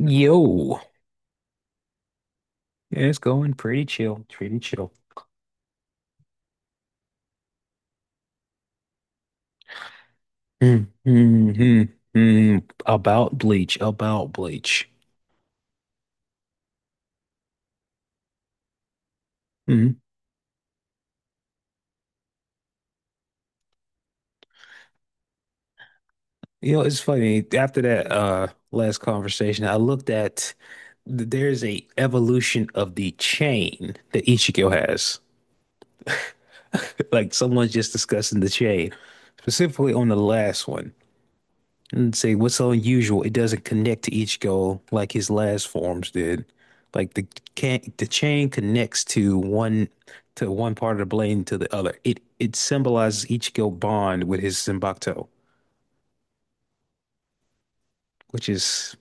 Yo, it's going pretty chill, pretty chill. Mm, mm, mm, mm. About Bleach, about Bleach. Mm. You know, it's funny. After that last conversation, I looked at there's a evolution of the chain that Ichigo has. Like someone's just discussing the chain, specifically on the last one. And say what's so unusual, it doesn't connect to each goal like his last forms did. Like the can the chain connects to one part of the blade to the other. It symbolizes Ichigo bond with his Zenbakuto, which is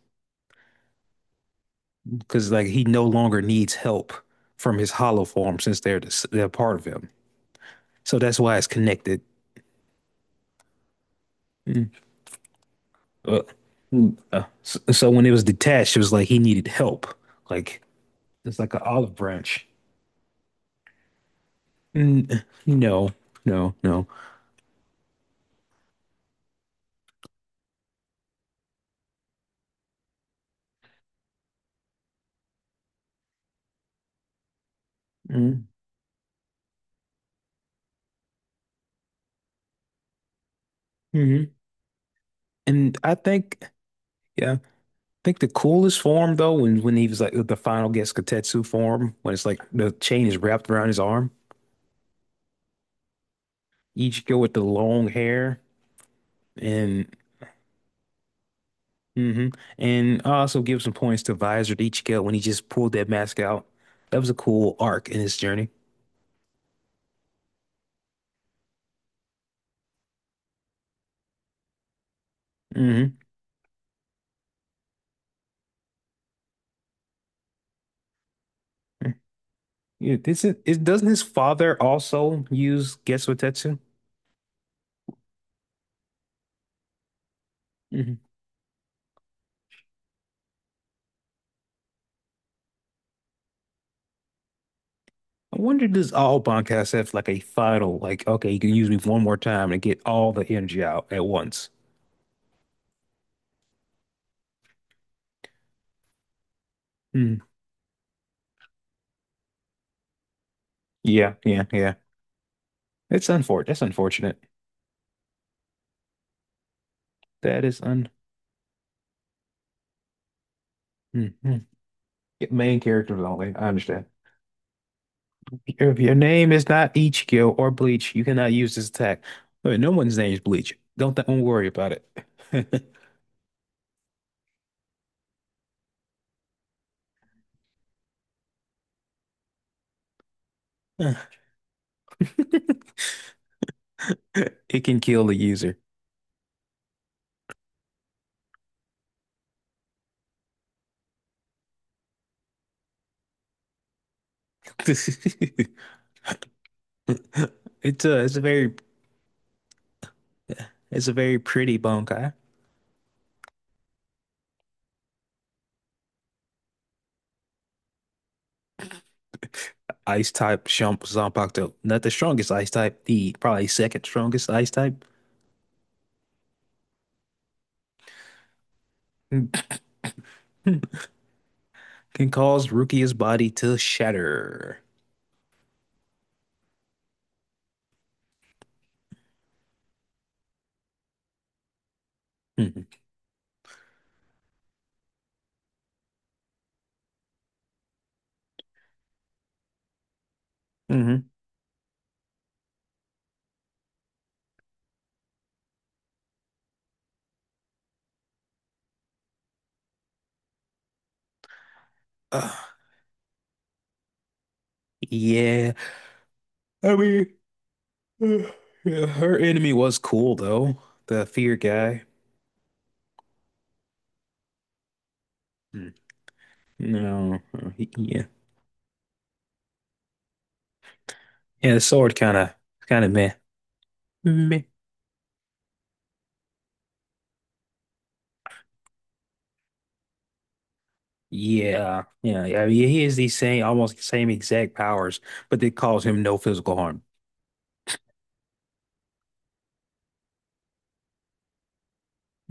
because like he no longer needs help from his hollow form since they're they're part of him. So that's why it's connected. Mm. Uh, so when it was detached, it was like he needed help. Like it's like an olive branch. N- No, no, no. Mm-hmm. And I think, yeah, I think the coolest form though, when he was like the final Getsuketsu form, when it's like the chain is wrapped around his arm, Ichigo with the long hair, and hmm and I also give some points to Visor Ichigo when he just pulled that mask out. That was a cool arc in his journey. Hmm Yeah, this is, it, doesn't his father also use Getsuketsu? I wonder, does all podcasts have like a final, like, okay, you can use me one more time and get all the energy out at once? Hmm. Yeah, yeah, yeah. It's unfortunate. That's unfortunate. That is un. Mm-hmm. Main characters only. I understand. If your name is not Ichigo or Bleach, you cannot use this attack. Wait, no one's name is Bleach. Don't don't worry about it. It can kill the user. It's a it's a very it's a very pretty bonkai. Ice type Shump Zanpakuto. Not the strongest ice type, the probably second strongest ice type, can, cause Rukia's body to shatter. Hmm hmm Uh, yeah. I mean, uh, yeah, her enemy was cool though. The fear guy. Mm. No. Yeah. Yeah, the sword kind of meh. Meh. Yeah, yeah, yeah. I mean, he has the same, almost same exact powers, but they cause him no physical harm.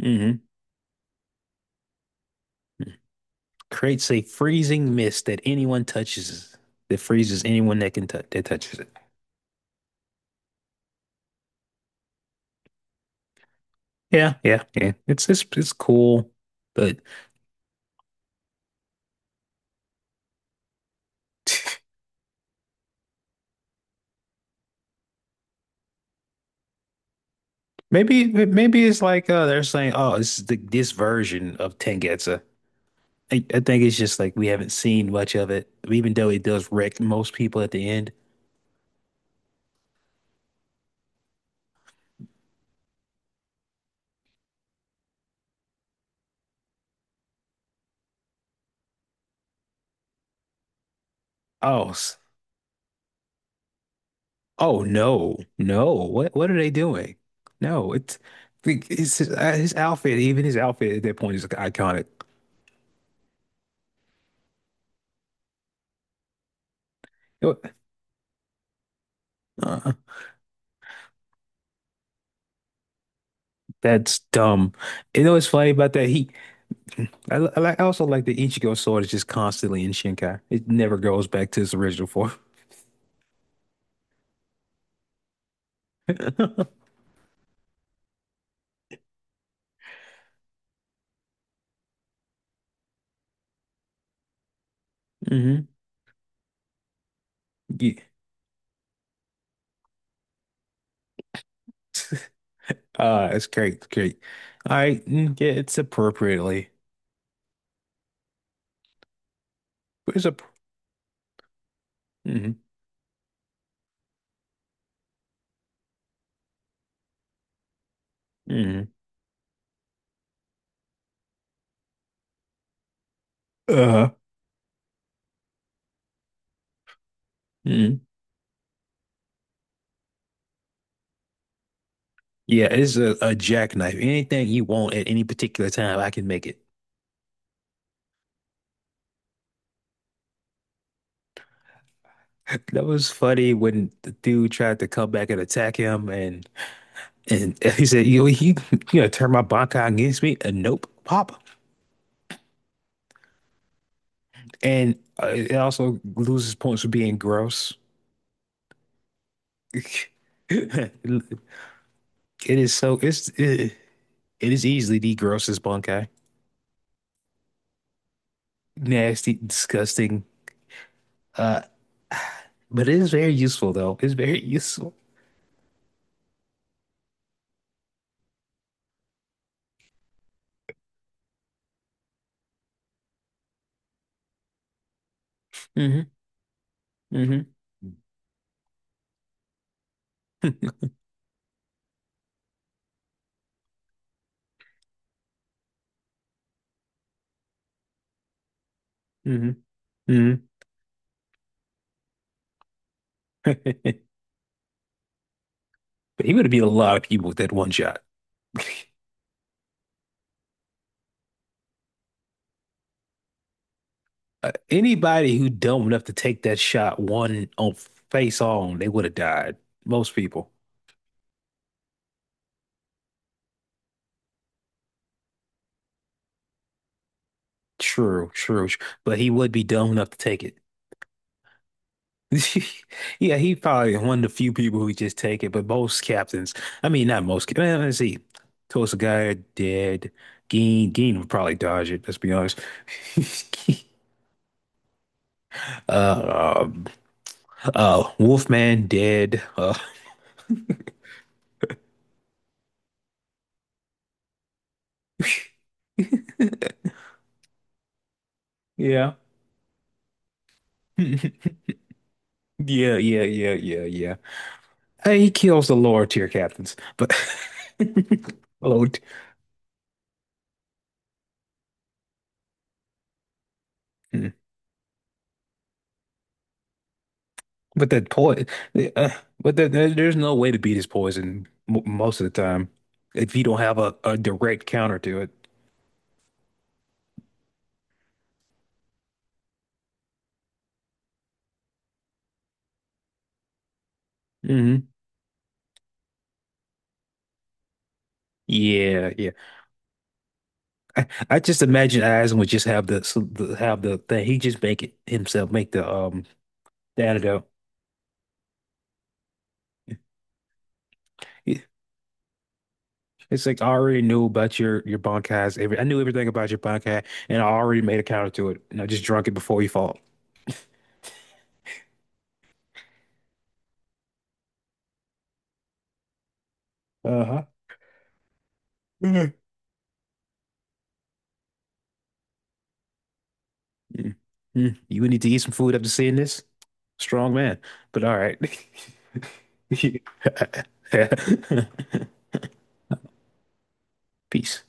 Hmm Creates a freezing mist that anyone touches. That freezes anyone that can touch that touches it. Yeah, yeah, yeah. It's cool, but maybe it's like they're saying, oh, this is the this version of Tengetsu. I think it's just like we haven't seen much of it, even though it does wreck most people at the end. Oh, oh no, no! What are they doing? No, it's his outfit. Even his outfit at that point is iconic. Uh-uh. That's dumb. You know what's funny about that? He, I also like the Ichigo sword is just constantly in Shinkai. It never goes back to its original form. hmm Yeah. It's great, it's great. Yeah, it's appropriately. It's a. hmm hmm Uh-huh. hmm Yeah, it's a jackknife. Anything you want at any particular time, I can make it. That was funny when the dude tried to come back and attack him, and he said, you know, he, you know, turn my Bankai against me. And nope, pop. And it also loses points for being gross. It is so, it's, it is easily the grossest Bankai. Nasty, disgusting. Uh, but it is very useful though. It's very useful. Mm-hmm. Mm-hmm. Mm-hmm. Mm-hmm. But he would have beat a lot of people with that one shot. Anybody who dumb enough to take that shot one on face on, they would have died. Most people. True, true. But he would be dumb enough to take it. Yeah, he probably one of the few people who just take it. But most captains, I mean, not most. Well, let's see. Tulsa Guy dead. Geen Geen would probably dodge it. Let's be honest. Uh, um, Wolfman dead. Yeah. Yeah, yeah, yeah, yeah, yeah. He kills the lower tier captains, but low. Hmm. But that poison, uh, but there's no way to beat his poison m most of the time if you don't have a direct counter to it. Hmm Yeah, yeah. I just imagine Aizen would just have the, the have the thing. He just make it himself, make the antidote. Yeah. It's like I already knew about your bankai's. Every I knew everything about your bankai, and I already made a counter to it, and I just drunk it before you fought. Uh-huh. Mm, mm. You would need to eat some food after seeing this. Strong man. But all right. Peace.